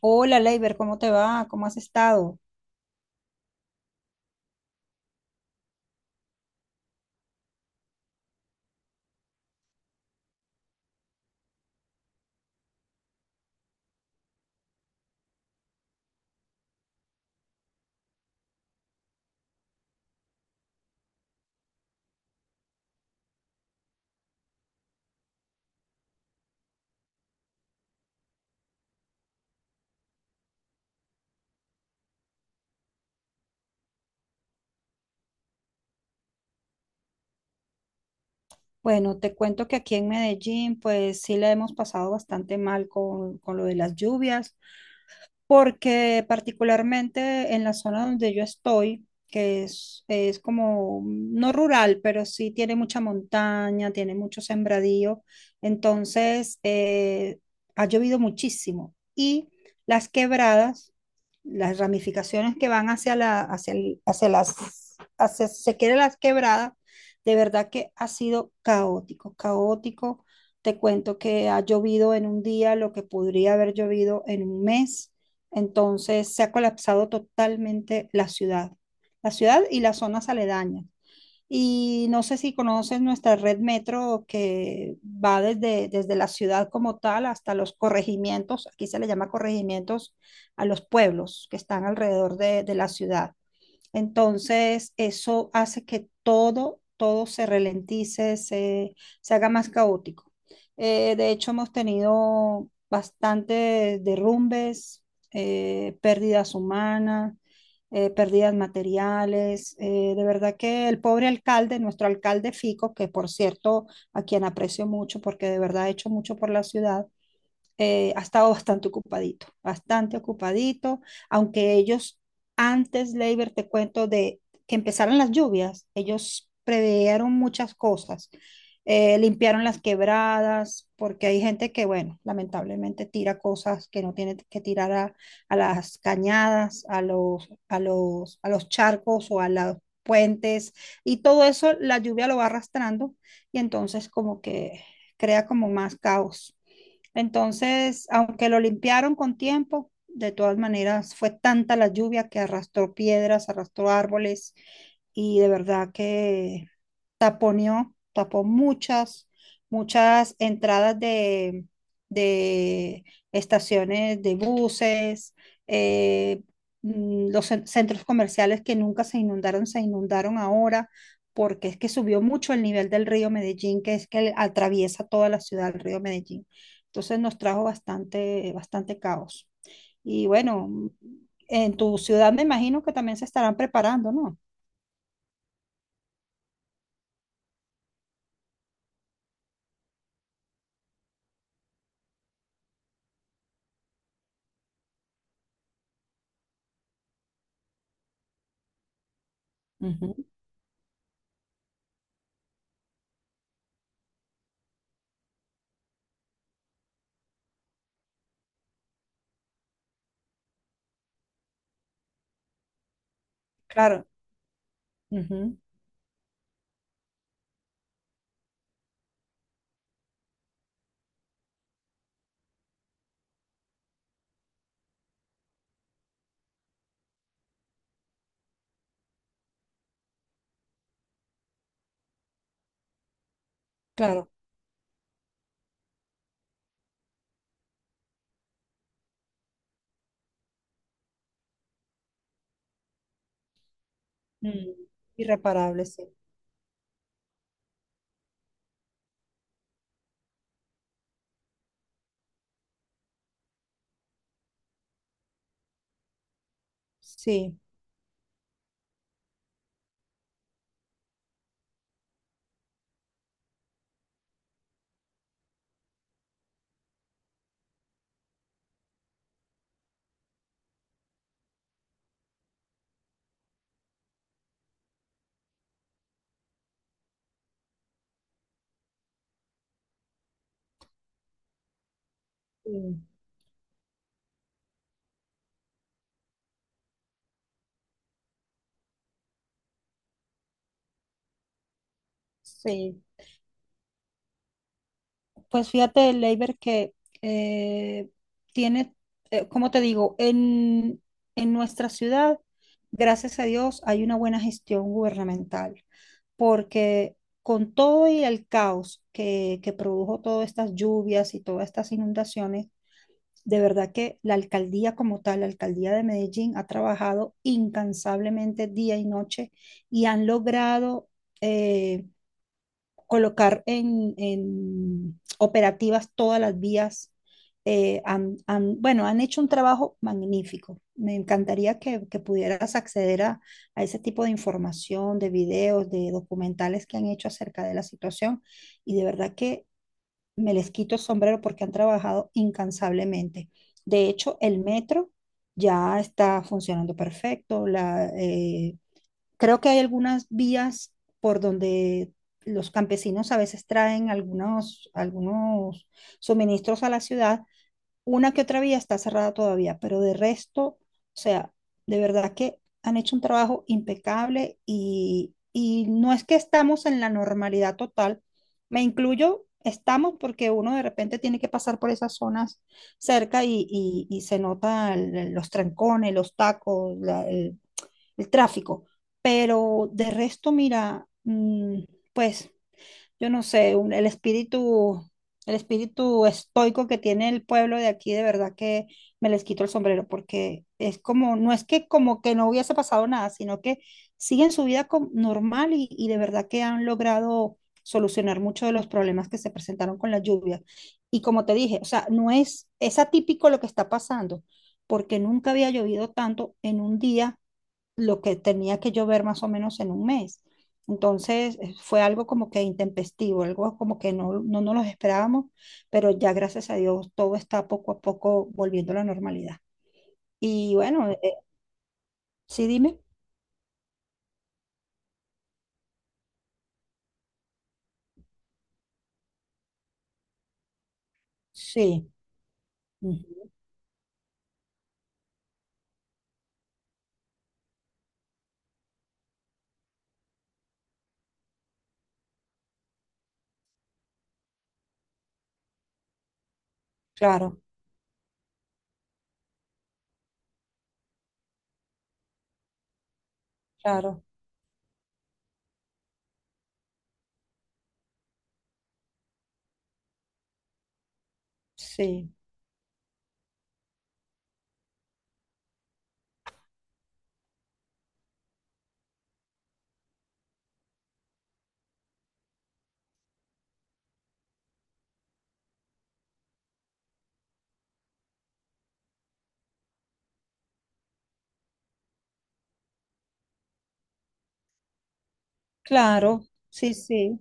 Hola, Leiber, ¿cómo te va? ¿Cómo has estado? Bueno, te cuento que aquí en Medellín, pues sí la hemos pasado bastante mal con lo de las lluvias, porque particularmente en la zona donde yo estoy, que es como no rural, pero sí tiene mucha montaña, tiene mucho sembradío, entonces ha llovido muchísimo y las quebradas las ramificaciones que van hacia la, hacia, el- hacia las, hacia, si se quiere las quebradas, de verdad que ha sido caótico. Te cuento que ha llovido en un día lo que podría haber llovido en un mes. Entonces se ha colapsado totalmente la ciudad y las zonas aledañas. Y no sé si conoces nuestra red metro que va desde la ciudad como tal hasta los corregimientos, aquí se le llama corregimientos a los pueblos que están alrededor de la ciudad. Entonces, eso hace que todo se ralentice, se haga más caótico. De hecho, hemos tenido bastantes derrumbes, pérdidas humanas, pérdidas materiales. De verdad que el pobre alcalde, nuestro alcalde Fico, que por cierto, a quien aprecio mucho porque de verdad ha hecho mucho por la ciudad, ha estado bastante ocupadito, aunque ellos antes, Leiber, te cuento, de que empezaran las lluvias, ellos preveieron muchas cosas, limpiaron las quebradas, porque hay gente que, bueno, lamentablemente tira cosas que no tiene que tirar a las cañadas, a los charcos o a los puentes, y todo eso la lluvia lo va arrastrando y entonces como que crea como más caos. Entonces, aunque lo limpiaron con tiempo, de todas maneras fue tanta la lluvia que arrastró piedras, arrastró árboles y de verdad que tapó muchas entradas de estaciones de buses, eh, centros comerciales que nunca se inundaron, se inundaron ahora, porque es que subió mucho el nivel del río Medellín, que es que atraviesa toda la ciudad, el río Medellín. Entonces nos trajo bastante caos. Y bueno, en tu ciudad me imagino que también se estarán preparando, ¿no? Ujú. Claro, ujú, claro. Mm. Irreparable, sí. Sí, sí, sí. Pues fíjate, Leiber, que eh, tiene, como te digo, en nuestra ciudad, gracias a Dios, hay una buena gestión gubernamental, porque con todo y el caos que produjo todas estas lluvias y todas estas inundaciones, de verdad que la alcaldía como tal, la alcaldía de Medellín, ha trabajado incansablemente día y noche y han logrado... eh, colocar en operativas todas las vías. Bueno, han hecho un trabajo magnífico. Me encantaría que pudieras acceder a ese tipo de información, de videos, de documentales que han hecho acerca de la situación. Y de verdad que me les quito el sombrero porque han trabajado incansablemente. De hecho, el metro ya está funcionando perfecto. Creo que hay algunas vías por donde los campesinos a veces traen algunos suministros a la ciudad. Una que otra vía está cerrada todavía, pero de resto, o sea, de verdad que han hecho un trabajo impecable y no es que estamos en la normalidad total, me incluyo, estamos porque uno de repente tiene que pasar por esas zonas cerca y se nota los trancones, los tacos, el tráfico. Pero de resto, mira, pues yo no sé, el espíritu estoico que tiene el pueblo de aquí, de verdad que me les quito el sombrero, porque es como, no es que como que no hubiese pasado nada, sino que siguen su vida normal y de verdad que han logrado solucionar muchos de los problemas que se presentaron con la lluvia. Y como te dije, o sea, no es, es atípico lo que está pasando, porque nunca había llovido tanto en un día lo que tenía que yo ver más o menos en un mes. Entonces fue algo como que intempestivo, algo como que no nos los esperábamos, pero ya gracias a Dios todo está poco a poco volviendo a la normalidad. Y bueno, sí, dime. Sí, ujú. Claro, claro, sí, claro, sí, sí.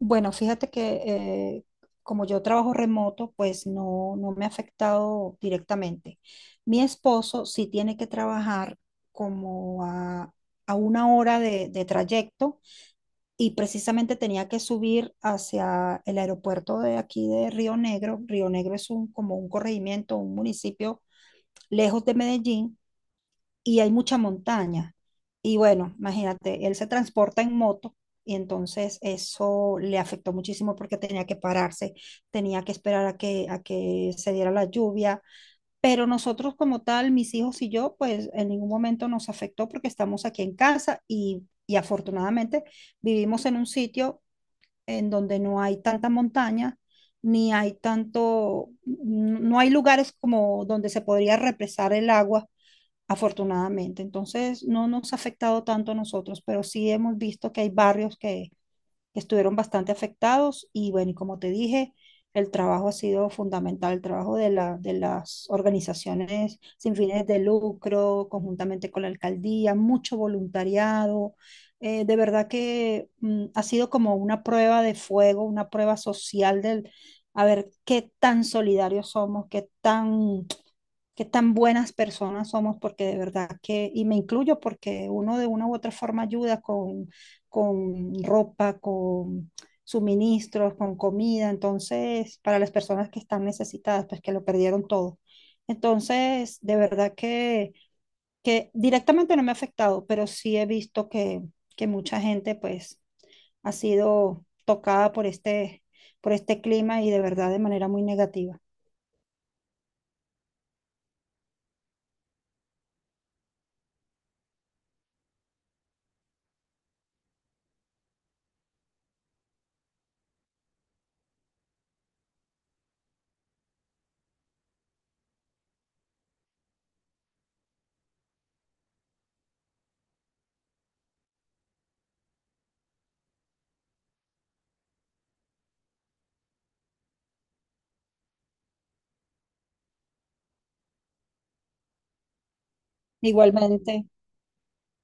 Bueno, fíjate que como yo trabajo remoto, pues no me ha afectado directamente. Mi esposo sí tiene que trabajar como a, a una hora de trayecto y precisamente tenía que subir hacia el aeropuerto de aquí de Río Negro. Río Negro es un, como un corregimiento, un municipio lejos de Medellín y hay mucha montaña. Y bueno, imagínate, él se transporta en moto y entonces eso le afectó muchísimo porque tenía que pararse, tenía que esperar a que se diera la lluvia. Pero nosotros como tal, mis hijos y yo, pues en ningún momento nos afectó porque estamos aquí en casa y afortunadamente vivimos en un sitio en donde no hay tanta montaña. Ni hay tanto, no hay lugares como donde se podría represar el agua, afortunadamente. Entonces, no nos ha afectado tanto a nosotros, pero sí hemos visto que hay barrios que estuvieron bastante afectados y bueno, y como te dije, el trabajo ha sido fundamental, el trabajo de de las organizaciones sin fines de lucro, conjuntamente con la alcaldía, mucho voluntariado. De verdad que ha sido como una prueba de fuego, una prueba social del, a ver qué tan solidarios somos, qué tan buenas personas somos, porque de verdad que, y me incluyo porque uno de una u otra forma ayuda con ropa, con suministros, con comida, entonces, para las personas que están necesitadas, pues que lo perdieron todo. Entonces, de verdad que directamente no me ha afectado, pero sí he visto que mucha gente pues ha sido tocada por este clima y de verdad de manera muy negativa. Igualmente.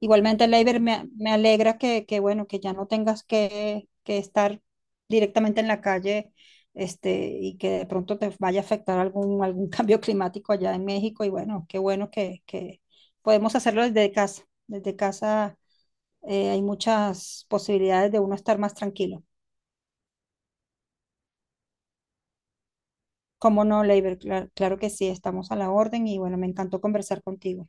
Igualmente, Leiber, me alegra bueno, que ya no tengas que estar directamente en la calle, este, y que de pronto te vaya a afectar algún cambio climático allá en México. Y bueno, qué bueno que podemos hacerlo desde casa. Desde casa, hay muchas posibilidades de uno estar más tranquilo. ¿Cómo no, Leiber? Claro que sí, estamos a la orden y bueno, me encantó conversar contigo.